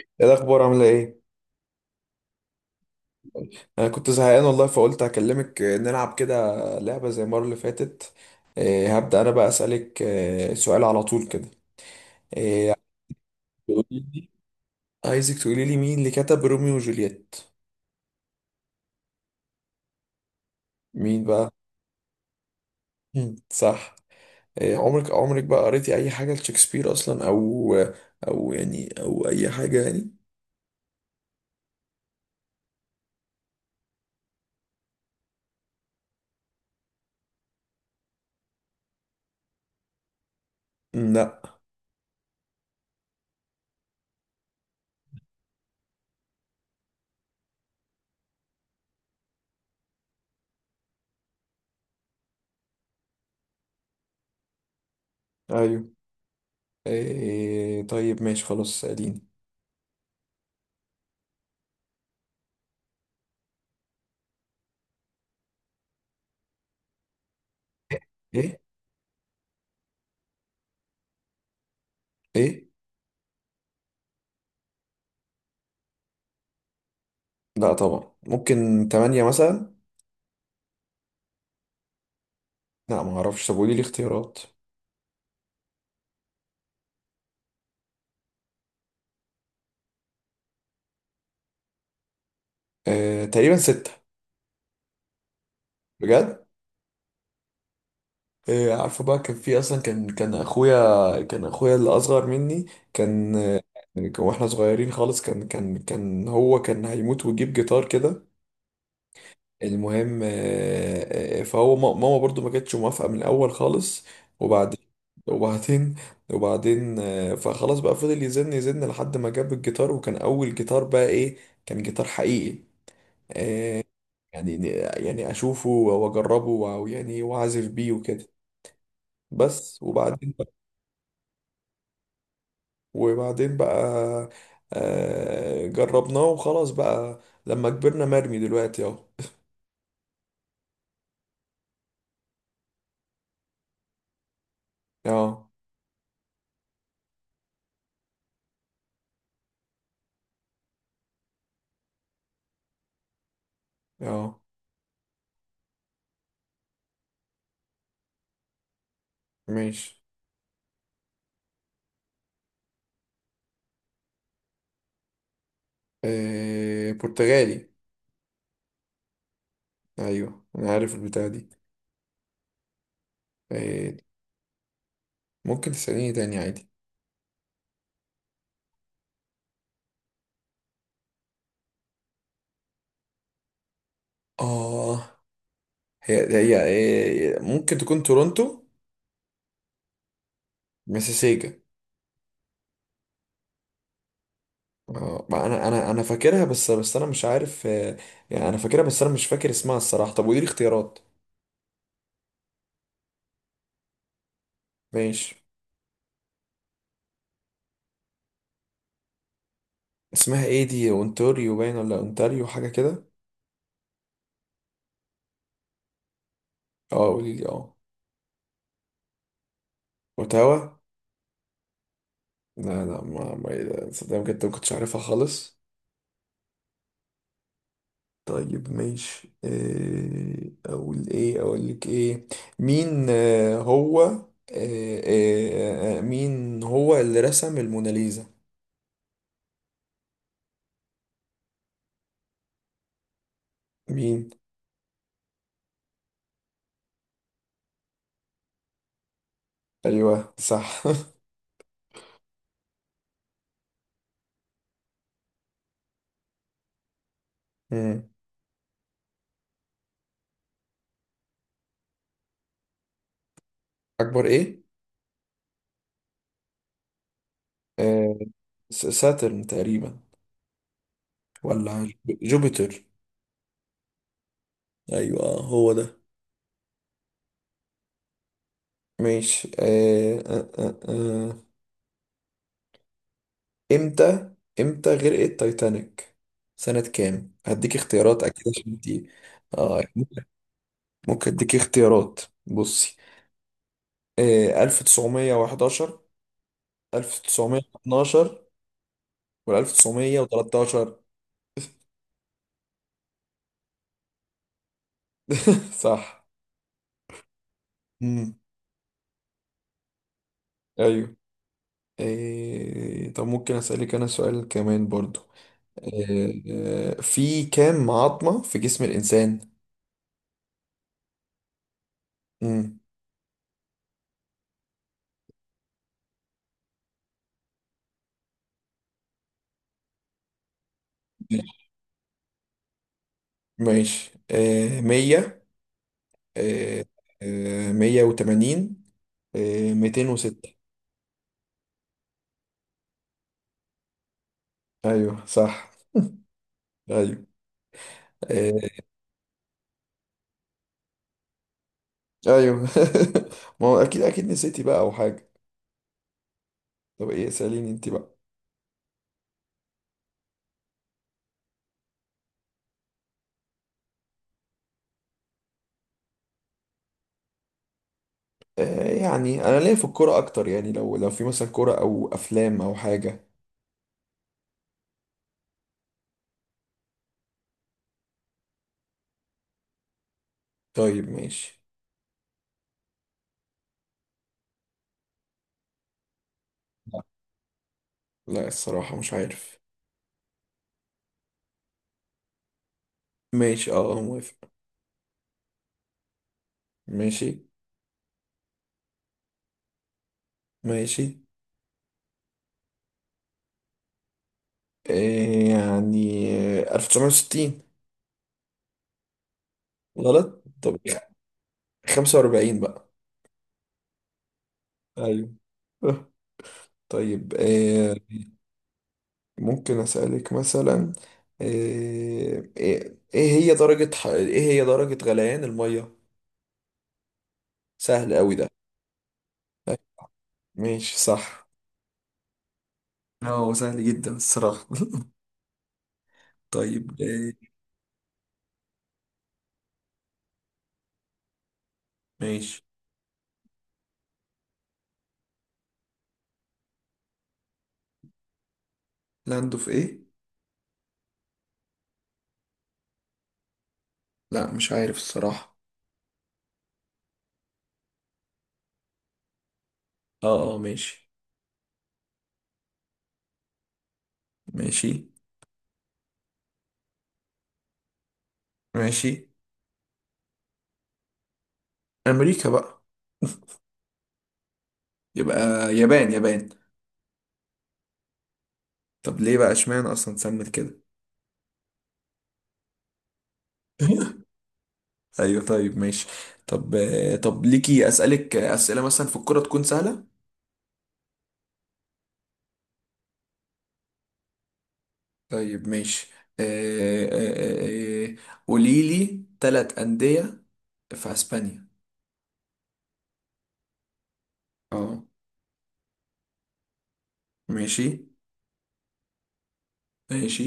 ايه الاخبار؟ عامله ايه؟ انا كنت زهقان والله، فقلت اكلمك. نلعب كده، لعبه زي المره اللي فاتت. هبدا انا بقى اسالك سؤال على طول كده. آه، تقولي لي- عايزك تقولي لي مين اللي كتب روميو وجولييت. مين بقى؟ مم. صح. عمرك بقى قريتي اي حاجه لشكسبير اصلا، او يعني او اي حاجه يعني؟ مم، لا. ايوه. طيب ماشي خلاص، سأليني. ايه؟ ايه؟ لا طبعا، ممكن تمانية مثلا؟ لا ما اعرفش، طب قولي لي اختيارات. تقريبا ستة. بجد؟ عارفه بقى، كان في اصلا كان كان اخويا كان اخويا اللي اصغر مني. كان. واحنا صغيرين خالص، كان هو كان هيموت ويجيب جيتار كده. المهم فهو ماما برضو ما كانتش موافقة من الاول خالص. وبعد، وبعدين، وبعدين فخلاص بقى فضل يزن يزن لحد ما جاب الجيتار، وكان اول جيتار بقى ايه؟ كان جيتار حقيقي. آه، يعني، يعني اشوفه واجربه ويعني واعزف بيه وكده. بس وبعدين بقى، وبعدين بقى جربناه وخلاص بقى. لما كبرنا، مرمي دلوقتي اهو. اه، اه ماشي. برتغالي. ايوه انا عارف البتاع دي. آه، ممكن تسأليني تاني عادي. اه. هي، هي ممكن تكون تورونتو. مسيسيجا. ما انا فاكرها، بس انا مش عارف. يعني انا فاكرها بس انا مش فاكر اسمها الصراحه. طب ودي الاختيارات؟ ماشي. اسمها ايه دي؟ اونتاريو باين، ولا اونتاريو حاجه كده. اه قولي لي، اه. اوتاوا. لا لا، ما صدق بجد ما كنتش عارفها خالص. طيب ماشي، إيه اقول؟ ايه اقول لك ايه؟ مين آه، هو آه، آه، آه، مين هو اللي رسم الموناليزا؟ مين؟ ايوه صح مم. اكبر ايه؟ آه، ساترن تقريبا، ولا جوبيتر. ايوه هو ده. ماشي. امتى، امتى غرقت تايتانيك سنة كام؟ هديك اختيارات اكيد عشان دي. آه ممكن، ممكن اديك اختيارات. بصي، آه 1911، 1912، ولا 1913؟ صح. امم ايوه. آه طب ممكن اسالك انا سؤال كمان برضو؟ آه، في كام عظمة في جسم الإنسان؟ مم. ماشي، آه 100، آه، 180، 206. أيوه صح. أيوه آه، أيوه ما هو أكيد أكيد نسيتي بقى أو حاجة. طب إيه؟ سأليني أنت بقى. يعني أنا ليا في الكورة أكتر يعني، لو في مثلا كورة أو أفلام أو حاجة. طيب ماشي. لا الصراحة مش عارف. ماشي، أه آه، موافق. ماشي. ماشي. إيه يعني؟ 1960. غلط طب. 45 بقى. ايوه آه. طيب إيه؟ ممكن أسألك مثلا، إيه هي درجة إيه هي درجة غليان المية؟ سهل أوي ده. أيوة، ماشي صح. هو سهل جدا الصراحة طيب إيه؟ ماشي. لاندو في إيه؟ لا مش عارف الصراحة. اه، اه ماشي. ماشي. ماشي. أمريكا بقى. يبقى، يابان، يابان. طب ليه بقى اشمعنى اصلا اتسمت كده؟ ايوه طيب ماشي. طب ليكي اسالك اسئله مثلا في الكوره تكون سهله. طيب ماشي آه، آه، آه، آه، قولي لي ثلاث انديه في اسبانيا. اه ماشي. ماشي.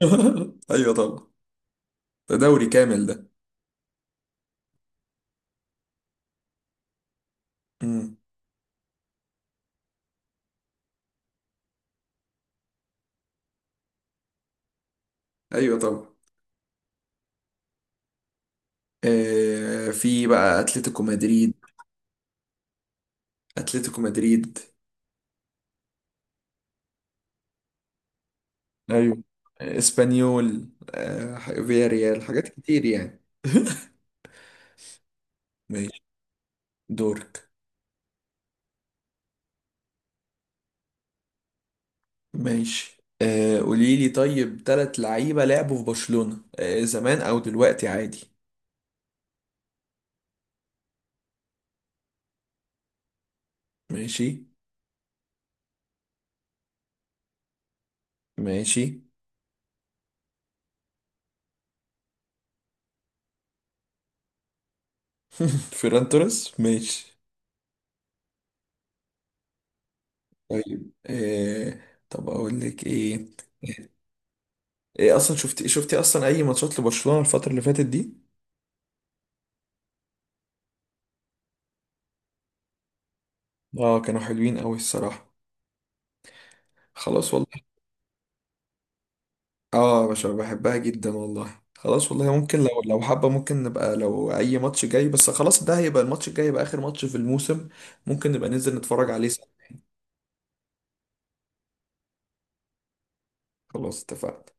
ايوه طبعا، ده دوري كامل ده. امم ايوه طبعا. في بقى اتلتيكو مدريد. اتلتيكو مدريد. ايوه. اسبانيول، فياريال، حاجات كتير يعني ماشي. دورك. ماشي، آه قولي لي، طيب تلات لعيبة لعبوا في برشلونة، آه، زمان أو دلوقتي عادي. ماشي. ماشي. فيران توريس ماشي. طيب آه، طب أقول لك إيه؟ آه، إيه أصلا، شفتي أصلا أي ماتشات لبرشلونة الفترة اللي فاتت دي؟ آه كانوا حلوين أوي الصراحة. خلاص والله. اه يا باشا بحبها جدا والله. خلاص والله، ممكن لو حابة ممكن نبقى لو أي ماتش جاي. بس خلاص، ده هيبقى الماتش الجاي، يبقى آخر ماتش في الموسم. ممكن نبقى ننزل نتفرج عليه سوا. خلاص اتفقنا.